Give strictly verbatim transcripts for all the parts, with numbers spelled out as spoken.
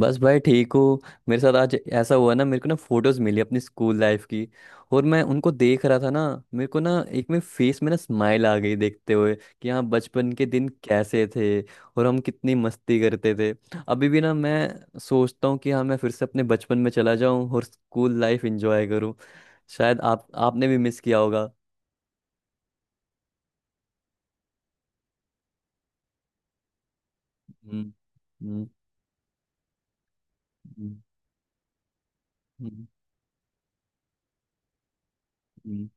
बस भाई ठीक हूँ। मेरे साथ आज ऐसा हुआ ना, मेरे को ना फोटोज मिली अपनी स्कूल लाइफ की, और मैं उनको देख रहा था ना। मेरे को ना एक में फेस में ना स्माइल आ गई देखते हुए कि हाँ, बचपन के दिन कैसे थे और हम कितनी मस्ती करते थे। अभी भी ना मैं सोचता हूँ कि हाँ, मैं फिर से अपने बचपन में चला जाऊँ और स्कूल लाइफ एंजॉय करूँ। शायद आप आपने भी मिस किया होगा। हम्म। हम्म। हम्म। हम्म। हम्म।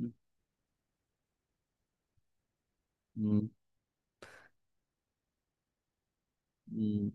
हम्म। हम्म, हम्म,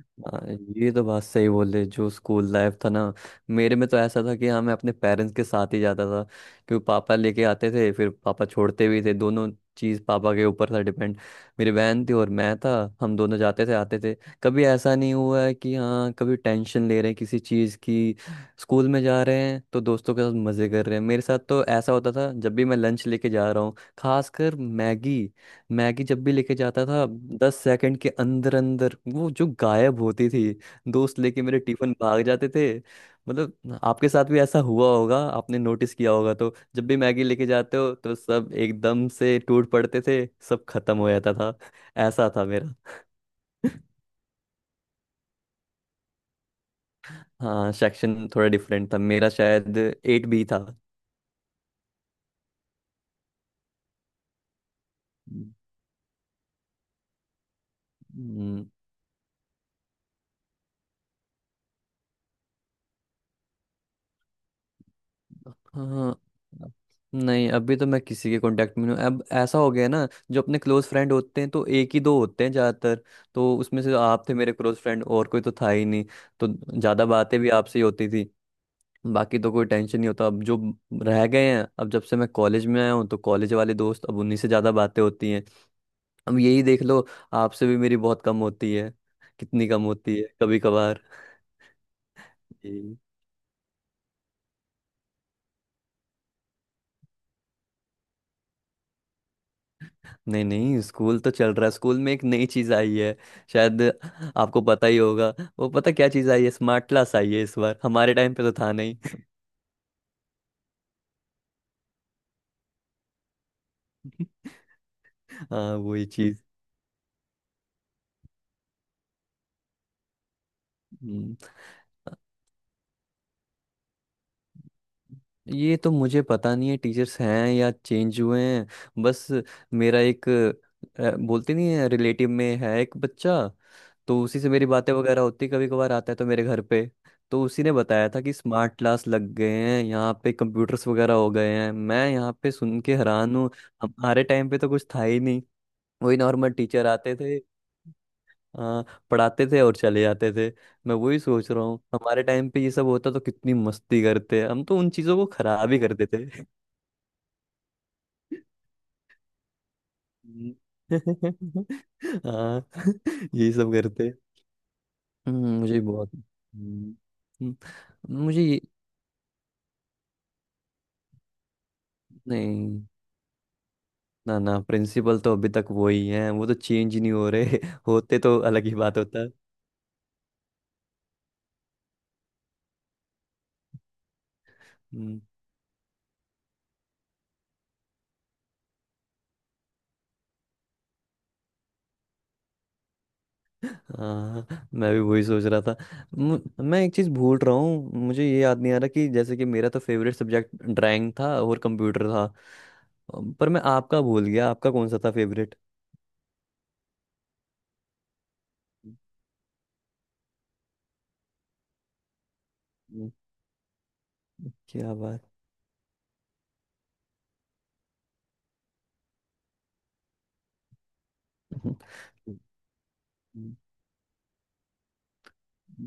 हाँ, ये तो बात सही बोले जो स्कूल लाइफ था ना। मेरे में तो ऐसा था कि हाँ, मैं अपने पेरेंट्स के साथ ही जाता था, क्योंकि पापा लेके आते थे, फिर पापा छोड़ते भी थे। दोनों चीज़ पापा के ऊपर था डिपेंड। मेरी बहन थी और मैं था, हम दोनों जाते थे आते थे। कभी ऐसा नहीं हुआ है कि हाँ, कभी टेंशन ले रहे हैं किसी चीज़ की। स्कूल में जा रहे हैं तो दोस्तों के साथ मज़े कर रहे हैं। मेरे साथ तो ऐसा होता था, जब भी मैं लंच लेके जा रहा हूँ खासकर मैगी। मैगी जब भी लेके जाता था, दस सेकंड के अंदर अंदर वो जो गायब होती थी, दोस्त लेके मेरे टिफिन भाग जाते थे। मतलब आपके साथ भी ऐसा हुआ होगा, आपने नोटिस किया होगा। तो जब भी मैगी लेके जाते हो तो सब एकदम से टूट पड़ते थे, सब खत्म हो जाता था। ऐसा था मेरा। हाँ, सेक्शन थोड़ा डिफरेंट था मेरा शायद। एट बी था। हम्म, हाँ, नहीं अभी तो मैं किसी के कांटेक्ट में नहीं हूँ। अब ऐसा हो गया है ना, जो अपने क्लोज फ्रेंड होते हैं तो एक ही दो होते हैं ज़्यादातर। तो उसमें से आप थे मेरे क्लोज फ्रेंड, और कोई तो था ही नहीं। तो ज़्यादा बातें भी आपसे ही होती थी। बाकी तो कोई टेंशन नहीं होता। अब जो रह गए हैं, अब जब से मैं कॉलेज में आया हूँ, तो कॉलेज वाले दोस्त, अब उन्हीं से ज़्यादा बातें होती हैं। अब यही देख लो, आपसे भी मेरी बहुत कम होती है। कितनी कम होती है, कभी कभार। नहीं नहीं, स्कूल तो चल रहा है। स्कूल में एक नई चीज आई है शायद, आपको पता ही होगा। वो पता क्या चीज आई है, स्मार्ट क्लास आई है इस बार। हमारे टाइम पे तो था नहीं। हाँ वही चीज। ये तो मुझे पता नहीं है टीचर्स हैं या चेंज हुए हैं। बस मेरा एक अ, बोलते नहीं है, रिलेटिव में है एक बच्चा। तो उसी से मेरी बातें वगैरह होती, कभी कभार आता है तो मेरे घर पे। तो उसी ने बताया था कि स्मार्ट क्लास लग गए हैं यहाँ पे, कंप्यूटर्स वगैरह हो गए हैं। मैं यहाँ पे सुन के हैरान हूँ। हमारे टाइम पे तो कुछ था ही नहीं। वही नॉर्मल टीचर आते थे, हाँ, पढ़ाते थे और चले जाते थे। मैं वही सोच रहा हूँ, हमारे टाइम पे ये सब होता तो कितनी मस्ती करते। हम तो उन चीजों को खराब ही करते थे। हम्म, हाँ यही सब करते। हम्म, मुझे भी बहुत। हम्म, हम्म, मुझे ये। नहीं, ना ना, प्रिंसिपल तो अभी तक वही है। वो तो चेंज नहीं हो रहे। होते तो अलग ही बात होता। हम्म, हाँ, मैं भी वही सोच रहा था। मु- मैं एक चीज भूल रहा हूँ, मुझे ये याद नहीं आ रहा कि जैसे कि मेरा तो फेवरेट सब्जेक्ट ड्राइंग था और कंप्यूटर था। अम, पर मैं आपका भूल गया, आपका कौन सा था फेवरेट? क्या बात।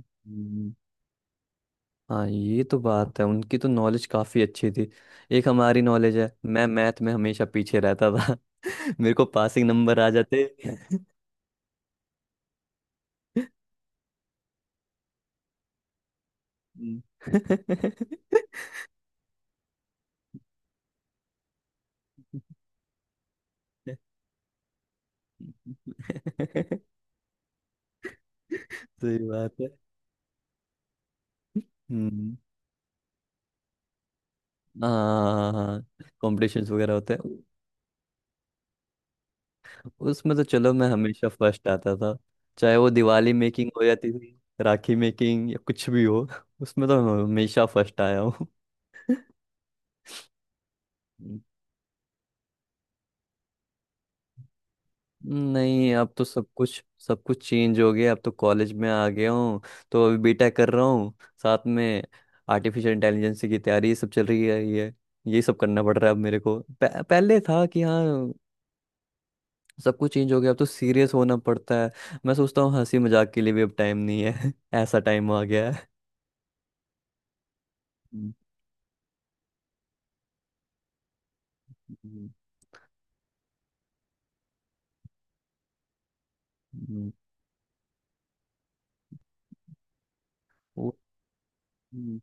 हम्म। हाँ, ये तो बात है, उनकी तो नॉलेज काफी अच्छी थी। एक हमारी नॉलेज है, मैं मैथ में हमेशा पीछे रहता था। मेरे को पासिंग नंबर आ जाते। हम्म। सही बात है। हम्म, हाँ, हाँ, कॉम्पिटिशन्स वगैरह होते हैं। उसमें तो चलो मैं हमेशा फर्स्ट आता था, चाहे वो दिवाली मेकिंग हो जाती थी, राखी मेकिंग, या कुछ भी हो, उसमें तो मैं हमेशा फर्स्ट आया हूँ। नहीं अब तो सब कुछ सब कुछ चेंज हो गया, अब तो कॉलेज में आ गया हूँ। तो अभी बीटेक कर रहा हूँ, साथ में आर्टिफिशियल इंटेलिजेंस की तैयारी, ये सब चल रही है। ये ये सब करना पड़ रहा है अब। मेरे को पह, पहले था कि हाँ, सब कुछ चेंज हो गया। अब तो सीरियस होना पड़ता है। मैं सोचता हूँ हंसी मजाक के लिए भी अब टाइम नहीं है। ऐसा टाइम आ गया है। हम्म, हम्म, हम्म, वो-, हम्म,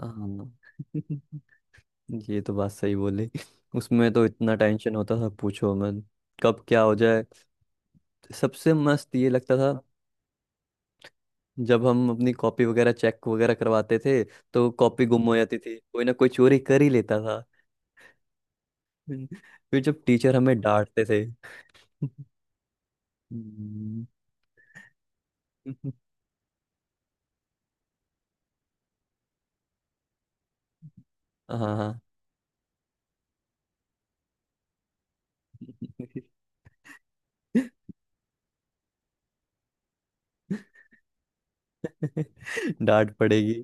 हाँ। ये तो बात सही बोली। उसमें तो इतना टेंशन होता था, पूछो मैं, कब क्या हो जाए। सबसे मस्त ये लगता था जब हम अपनी कॉपी वगैरह चेक वगैरह करवाते थे, तो कॉपी गुम हो जाती थी, कोई ना कोई चोरी कर ही लेता था। हम्म, फिर जब टीचर हमें डांटते थे। हम्म, हाँ, डांट पड़ेगी।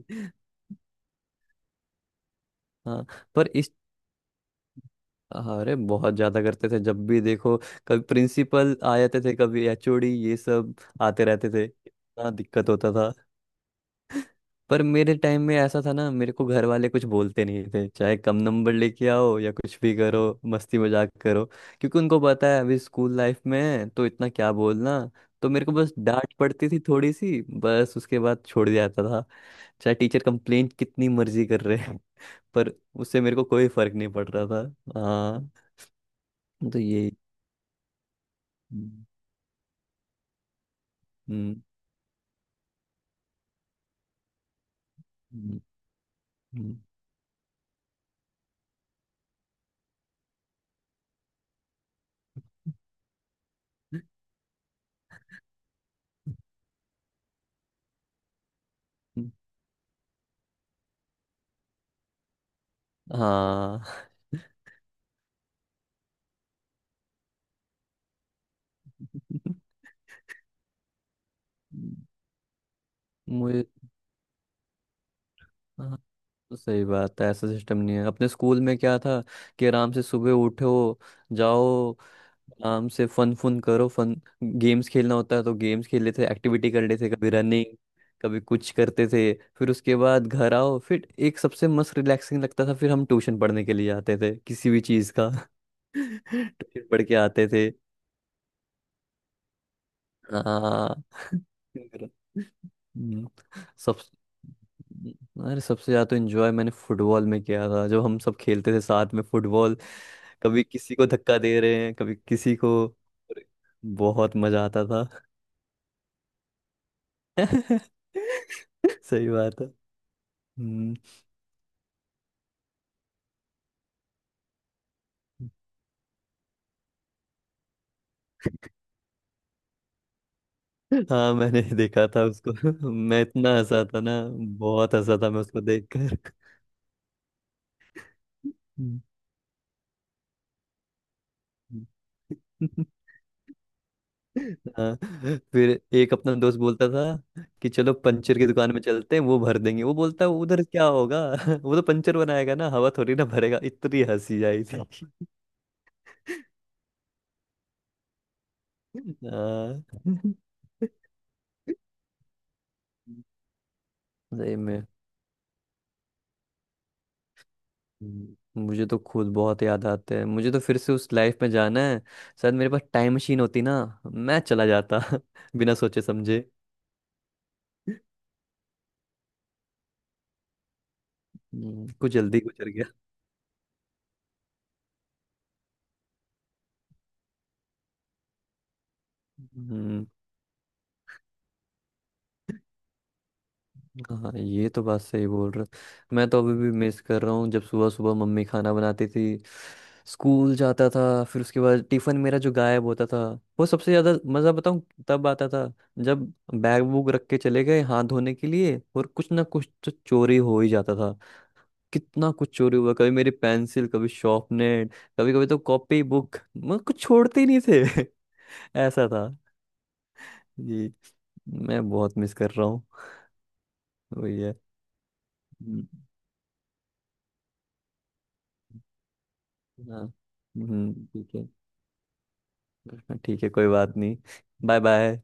हाँ पर इस, अरे बहुत ज्यादा करते थे जब भी देखो। कभी प्रिंसिपल आ जाते थे, कभी एचओडी, ये सब आते रहते थे, इतना दिक्कत होता था। पर मेरे टाइम में ऐसा था ना, मेरे को घर वाले कुछ बोलते नहीं थे। चाहे कम नंबर लेके आओ या कुछ भी करो, मस्ती मजाक करो, क्योंकि उनको पता है अभी स्कूल लाइफ में है, तो इतना क्या बोलना। तो मेरे को बस डांट पड़ती थी थोड़ी सी, बस उसके बाद छोड़ दिया जाता। चाहे टीचर कंप्लेंट कितनी मर्जी कर रहे हैं, पर उससे मेरे को कोई फर्क नहीं पड़ रहा था। हाँ, तो ये, हम्म, हम्म, हम्म, हम्म, हाँ, मुझे। हाँ, तो सही बात है, ऐसा सिस्टम नहीं है। अपने स्कूल में क्या था कि आराम से सुबह उठो, जाओ, आराम से फन फन करो, फन, गेम्स खेलना होता है तो गेम्स खेल लेते थे, एक्टिविटी कर लेते थे, कभी रनिंग, कभी कुछ करते थे। फिर उसके बाद घर आओ, फिर एक सबसे मस्त रिलैक्सिंग लगता था, फिर हम ट्यूशन पढ़ने के लिए आते थे किसी भी चीज़ का। ट्यूशन पढ़ के आते थे। हाँ, हम्म, सब, अरे सबसे ज्यादा तो एंजॉय मैंने फुटबॉल में किया था, जब हम सब खेलते थे साथ में फुटबॉल। कभी किसी को धक्का दे रहे हैं, कभी किसी को, अरे, बहुत मजा आता था। सही बात है। हम्म, हाँ, मैंने देखा था उसको। मैं इतना हंसा था ना, बहुत हंसा था मैं उसको देखकर। हम्म, हम्म। हाँ, फिर एक अपना दोस्त बोलता था कि चलो पंचर की दुकान में चलते हैं, वो भर देंगे। वो बोलता है उधर क्या होगा, वो तो पंचर बनाएगा ना, हवा थोड़ी ना भरेगा। इतनी हंसी आई थी। हाँ, सही में। हम्म, मुझे तो खुद बहुत याद आते हैं। मुझे तो फिर से उस लाइफ में जाना है, शायद मेरे पास टाइम मशीन होती ना, मैं चला जाता। बिना सोचे समझे। हम्म, कुछ जल्दी गुजर गया। हम्म, हाँ, ये तो बात सही बोल रहा। मैं तो अभी भी मिस कर रहा हूँ, जब सुबह सुबह मम्मी खाना बनाती थी, स्कूल जाता था, फिर उसके बाद टिफिन मेरा जो गायब होता था, वो सबसे ज्यादा मजा, बताऊँ, तब आता था, जब बैग वूग रख के चले गए हाथ धोने के लिए, और कुछ ना कुछ तो चोरी हो ही जाता था। कितना कुछ चोरी हुआ, कभी मेरी पेंसिल, कभी शार्पनर, कभी कभी तो कॉपी बुक, मैं कुछ छोड़ते ही नहीं थे। ऐसा था जी। मैं बहुत मिस कर रहा हूँ, वही है। हम्म। हाँ, हम्म, ठीक है। हाँ, ठीक है, कोई बात नहीं। Bye bye.